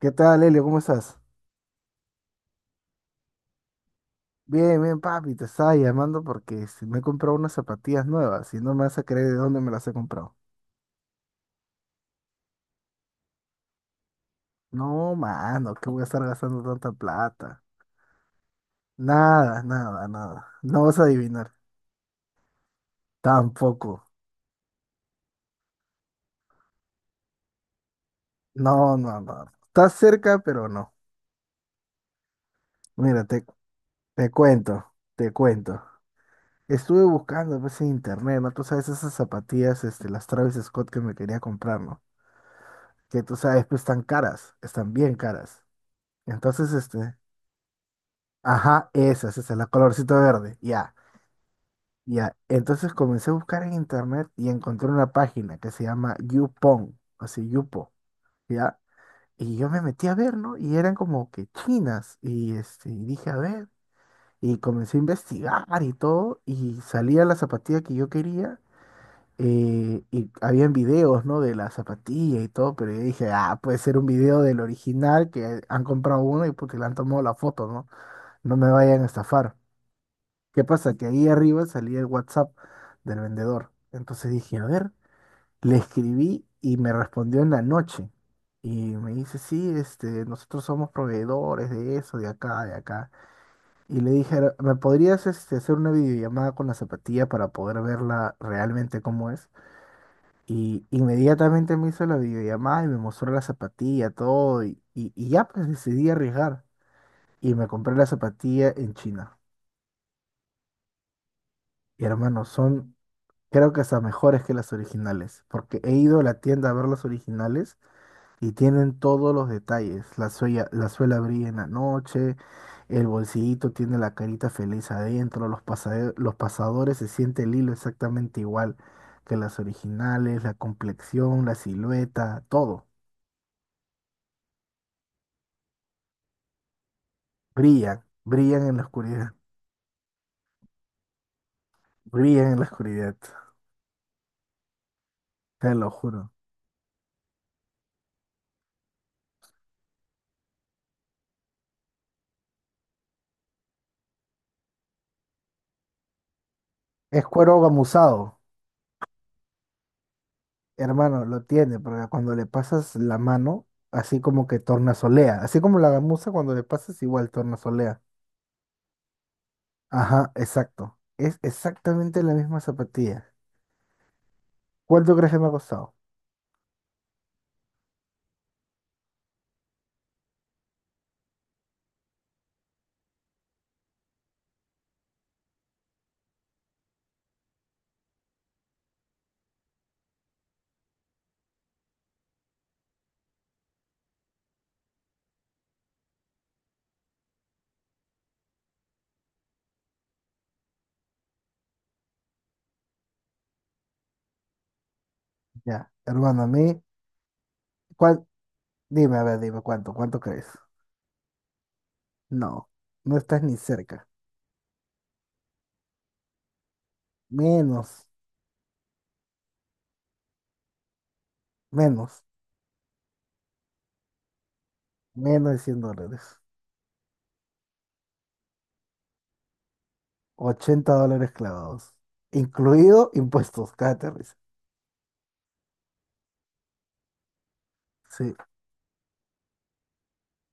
¿Qué tal, Elio? ¿Cómo estás? Bien, bien, papi, te estaba llamando porque me he comprado unas zapatillas nuevas y no me vas a creer de dónde me las he comprado. No, mano, ¿qué voy a estar gastando tanta plata? Nada, nada, nada. No vas a adivinar. Tampoco. No, no, no. Estás cerca, pero no. Mira, te cuento, te cuento. Estuve buscando pues, en internet, ¿no? Tú sabes esas zapatillas, las Travis Scott que me quería comprar, ¿no? Que tú sabes, pues están caras, están bien caras. Entonces. Ajá, esa, la colorcito verde. Ya, ya. Entonces comencé a buscar en internet y encontré una página que se llama Yupon, así Yupo, ya. Y yo me metí a ver, ¿no? Y eran como que chinas. Y dije, a ver. Y comencé a investigar y todo. Y salía la zapatilla que yo quería. Y habían videos, ¿no? De la zapatilla y todo. Pero yo dije, ah, puede ser un video del original que han comprado uno y porque le han tomado la foto, ¿no? No me vayan a estafar. ¿Qué pasa? Que ahí arriba salía el WhatsApp del vendedor. Entonces dije, a ver, le escribí y me respondió en la noche. Y me dice, sí, nosotros somos proveedores de eso, de acá, de acá. Y le dije, ¿me podrías hacer una videollamada con la zapatilla para poder verla realmente cómo es? Y inmediatamente me hizo la videollamada y me mostró la zapatilla, todo. Y ya pues decidí arriesgar. Y me compré la zapatilla en China. Y, hermano, son creo que hasta mejores que las originales, porque he ido a la tienda a ver las originales y tienen todos los detalles. La suela brilla en la noche, el bolsillito tiene la carita feliz adentro, los pasadores se siente el hilo exactamente igual que las originales, la complexión, la silueta, todo. Brillan, brillan en la oscuridad, brillan en la oscuridad, te lo juro. Es cuero gamuzado. Hermano, lo tiene, porque cuando le pasas la mano, así como que tornasolea, así como la gamuza cuando le pasas igual tornasolea. Ajá, exacto. Es exactamente la misma zapatilla. ¿Cuánto crees que me ha costado? Ya, hermano, a mí, ¿cuál? Dime, a ver, dime, ¿cuánto? ¿Cuánto crees? No, no estás ni cerca. Menos, menos, menos de $100. $80 clavados. Incluido impuestos, cállate, risa. Sí.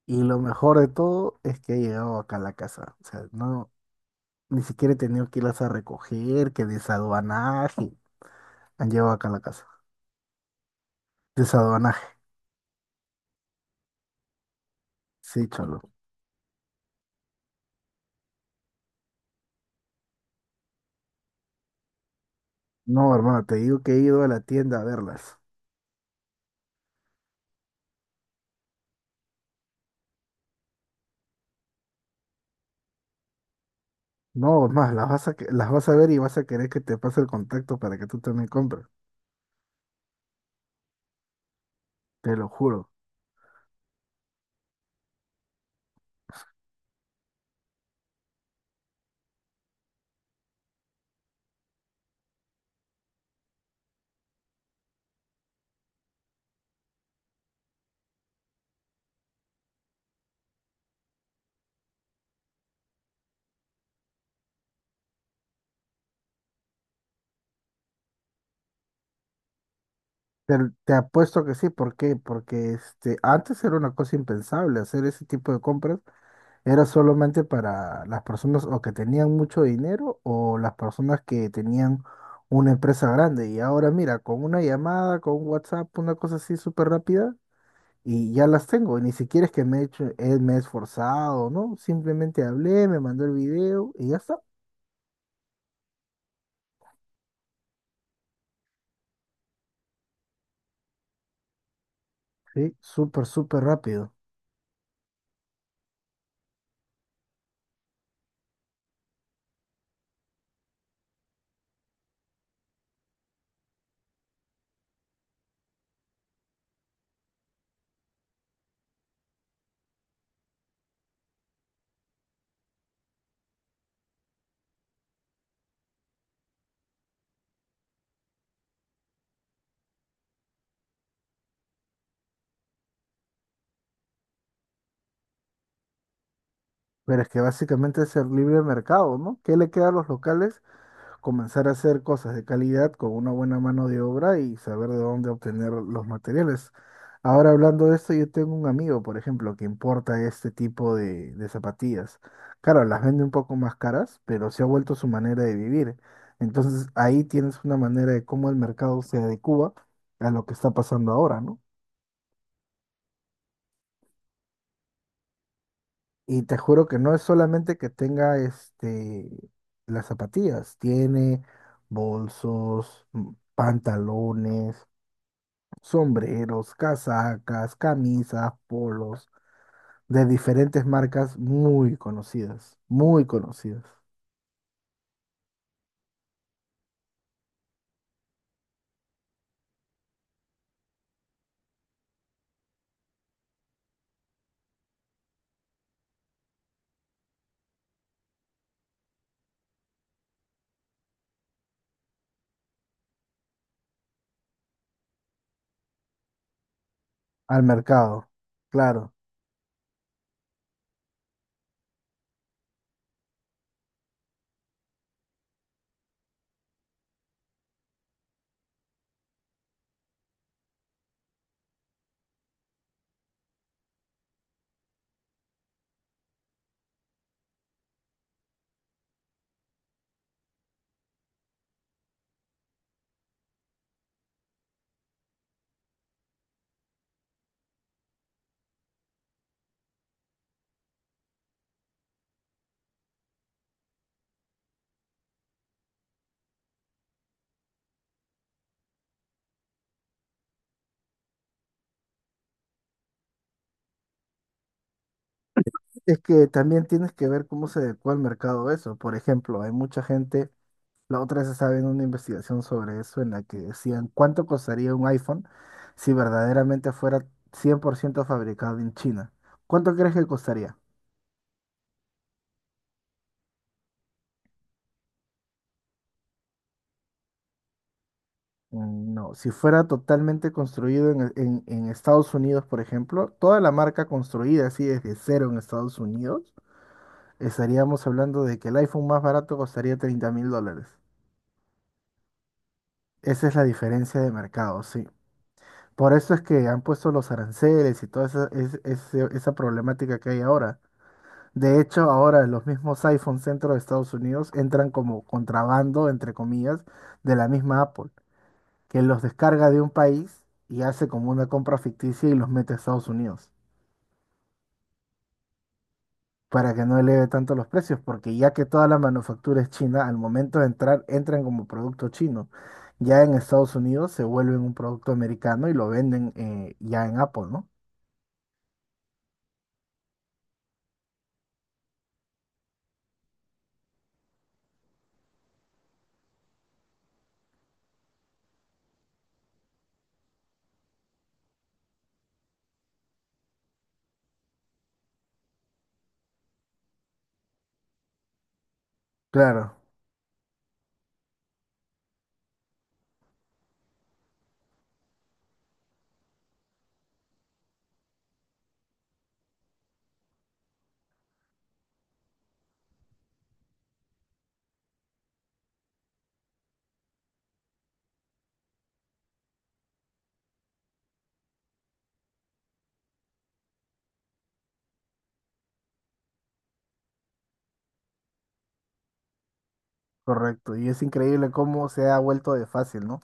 Y lo mejor de todo es que he llegado acá a la casa. O sea, no, ni siquiera he tenido que irlas a recoger, que desaduanaje. Han llegado acá a la casa. Desaduanaje. Sí, cholo. No, hermano, te digo que he ido a la tienda a verlas. No, es más, las vas a, que- las vas a ver y vas a querer que te pase el contacto para que tú también compres. Te lo juro. Te, te apuesto que sí. ¿Por qué? Porque antes era una cosa impensable hacer ese tipo de compras. Era solamente para las personas o que tenían mucho dinero o las personas que tenían una empresa grande. Y ahora mira, con una llamada, con un WhatsApp, una cosa así súper rápida, y ya las tengo. Y ni siquiera es que me he hecho, me he esforzado, ¿no? Simplemente hablé, me mandó el video y ya está. Sí, súper, súper rápido. Pero es que básicamente es el libre mercado, ¿no? ¿Qué le queda a los locales? Comenzar a hacer cosas de calidad con una buena mano de obra y saber de dónde obtener los materiales. Ahora hablando de esto, yo tengo un amigo, por ejemplo, que importa este tipo de zapatillas. Claro, las vende un poco más caras, pero se ha vuelto su manera de vivir. Entonces ahí tienes una manera de cómo el mercado se adecua a lo que está pasando ahora, ¿no? Y te juro que no es solamente que tenga las zapatillas, tiene bolsos, pantalones, sombreros, casacas, camisas, polos de diferentes marcas muy conocidas al mercado. Claro, es que también tienes que ver cómo se adecua al mercado eso. Por ejemplo, hay mucha gente, la otra vez estaba viendo una investigación sobre eso en la que decían cuánto costaría un iPhone si verdaderamente fuera 100% fabricado en China. ¿Cuánto crees que costaría? No, si fuera totalmente construido en, en Estados Unidos, por ejemplo, toda la marca construida así desde cero en Estados Unidos, estaríamos hablando de que el iPhone más barato costaría 30 mil dólares. Esa es la diferencia de mercado, sí. Por eso es que han puesto los aranceles y toda esa problemática que hay ahora. De hecho, ahora los mismos iPhones dentro de Estados Unidos entran como contrabando, entre comillas, de la misma Apple, que los descarga de un país y hace como una compra ficticia y los mete a Estados Unidos para que no eleve tanto los precios, porque ya que toda la manufactura es china, al momento de entrar, entran como producto chino. Ya en Estados Unidos se vuelven un producto americano y lo venden ya en Apple, ¿no? Claro, correcto. Y es increíble cómo se ha vuelto de fácil, ¿no?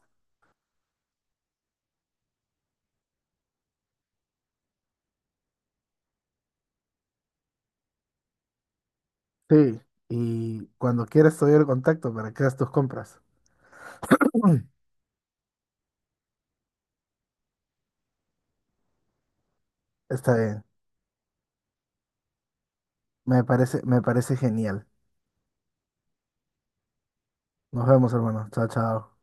Sí. Y cuando quieras te doy el contacto para que hagas tus compras. Está bien. Me parece genial. Nos vemos, hermano. Chao, chao.